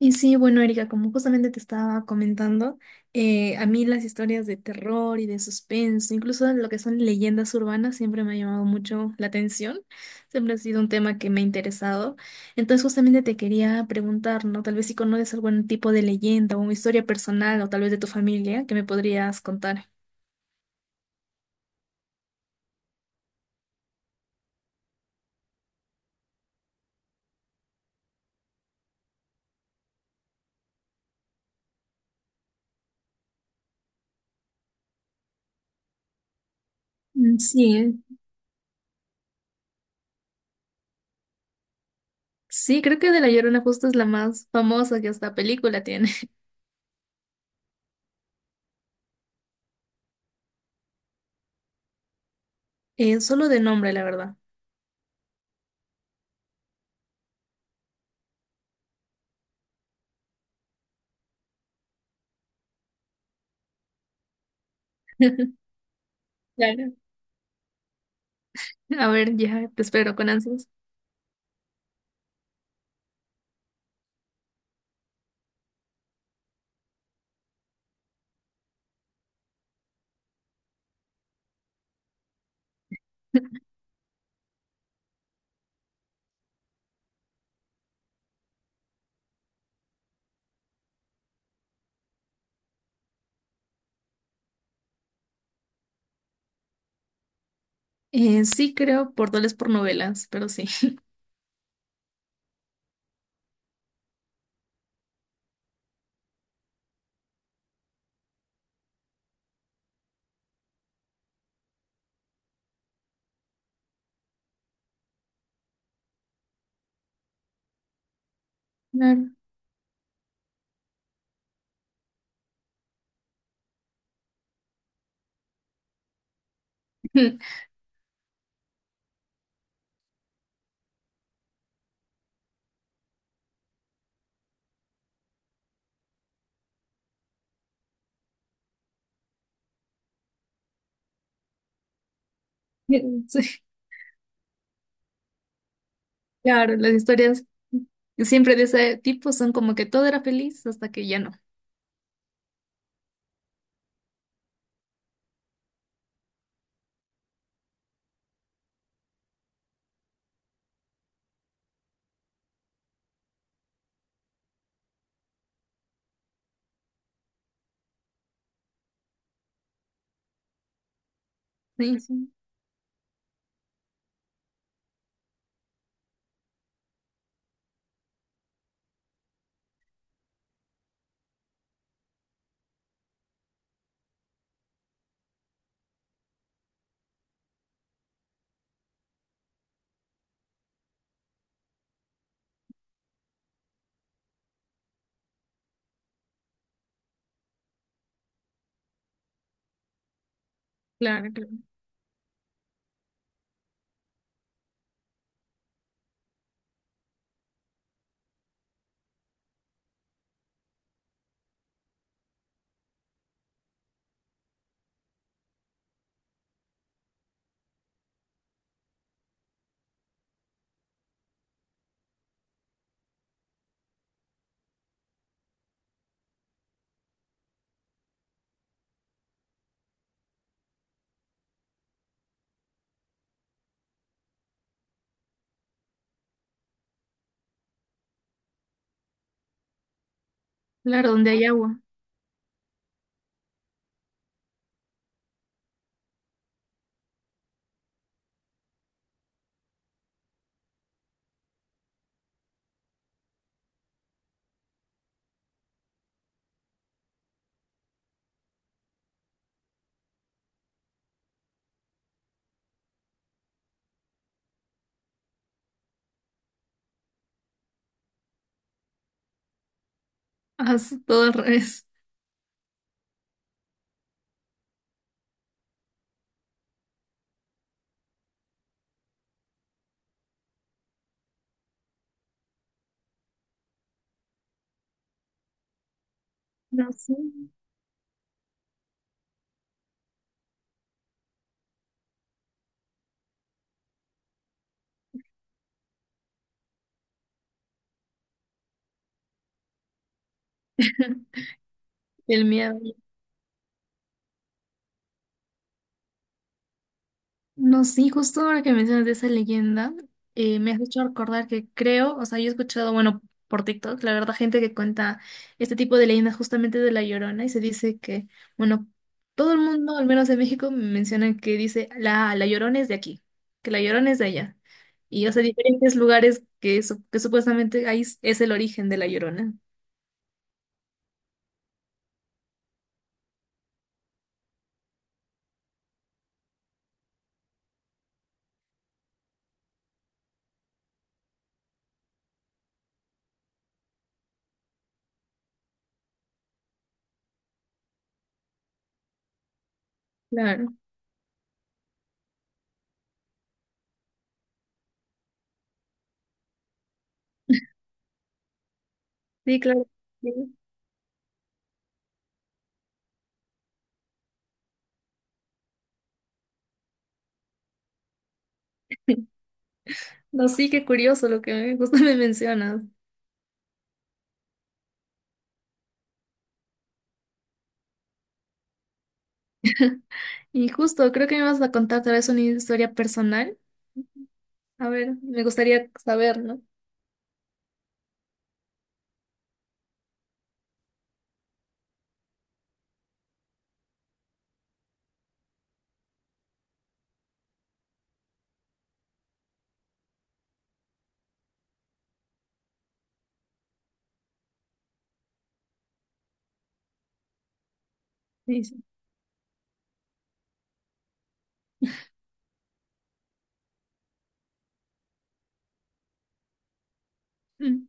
Y sí, bueno, Erika, como justamente te estaba comentando, a mí las historias de terror y de suspenso, incluso lo que son leyendas urbanas, siempre me ha llamado mucho la atención, siempre ha sido un tema que me ha interesado. Entonces, justamente te quería preguntar, ¿no? Tal vez si conoces algún tipo de leyenda o una historia personal o tal vez de tu familia que me podrías contar. Mm, sí, sí, creo que de La Llorona justo es la más famosa que hasta película tiene. Solo de nombre, la verdad. Claro. A ver, ya te espero con ansias. Sí, creo, por doles por novelas, pero sí. Claro. Sí, claro, las historias siempre de ese tipo son como que todo era feliz hasta que ya no. Sí, sí, claro, claro. Claro, donde hay agua. Haz todo al revés. No sé. El miedo. No, sí, justo ahora que mencionas de esa leyenda, me has hecho recordar que creo, o sea, yo he escuchado, bueno, por TikTok, la verdad, gente que cuenta este tipo de leyendas justamente de La Llorona y se dice que, bueno, todo el mundo, al menos en México, mencionan que dice, la Llorona es de aquí, que la Llorona es de allá. Y, o sea, diferentes lugares que, su- que supuestamente ahí es el origen de La Llorona. Claro, sí, claro. Sí. No, sí, qué curioso lo que justo me mencionas. Y justo, creo que me vas a contar tal vez una historia personal. A ver, me gustaría saber, ¿no? Y dice, "Mm,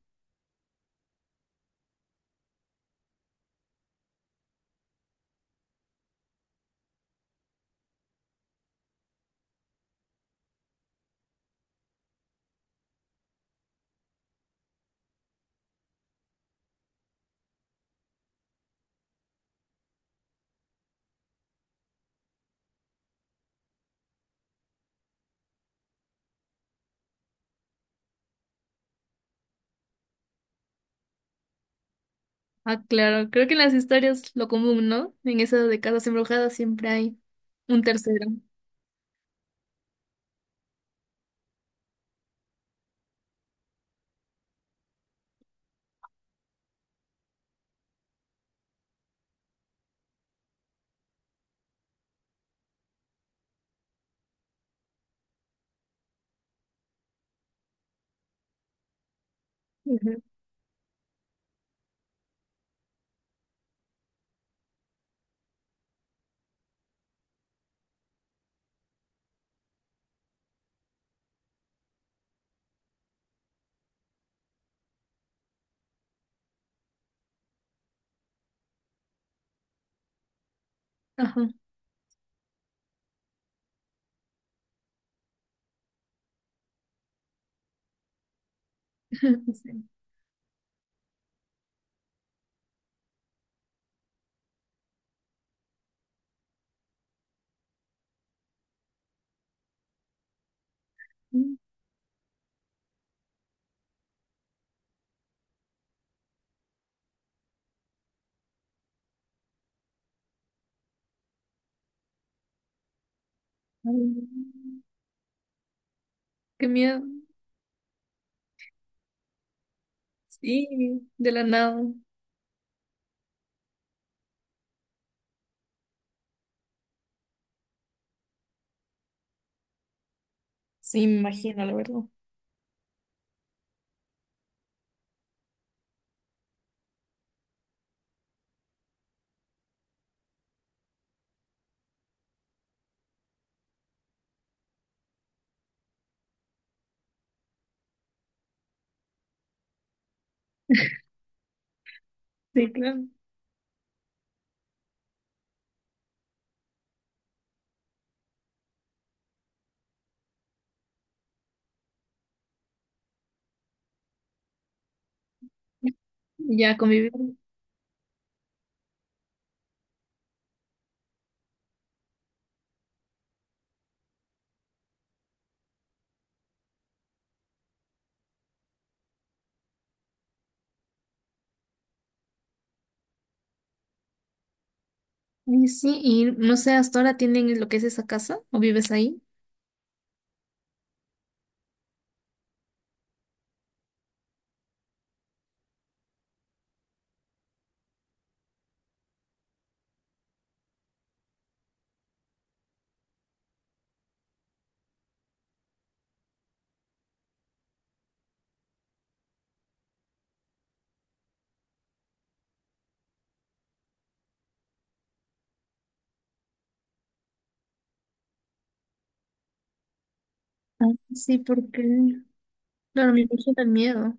ah, claro, creo que en las historias lo común, ¿no? En esas de casas embrujadas siempre hay un tercero. Ujú. Ajá. Sí. Mm. Qué miedo. Sí, de la nada. Sí, me imagino, la verdad. Sí, claro. Ya convivir. Y sí, y no sé, ¿hasta ahora tienen lo que es esa casa? ¿O vives ahí? Ah, sí, porque, claro, me imagino el miedo.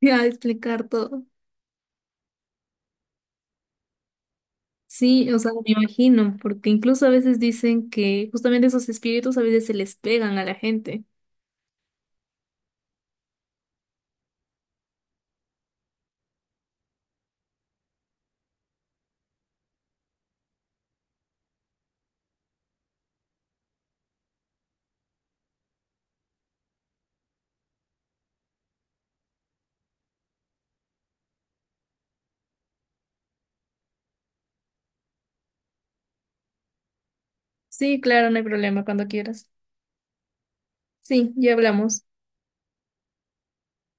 Sí, a explicar todo. Sí, o sea, me imagino, porque incluso a veces dicen que justamente esos espíritus a veces se les pegan a la gente. Sí, claro, no hay problema cuando quieras. Sí, ya hablamos.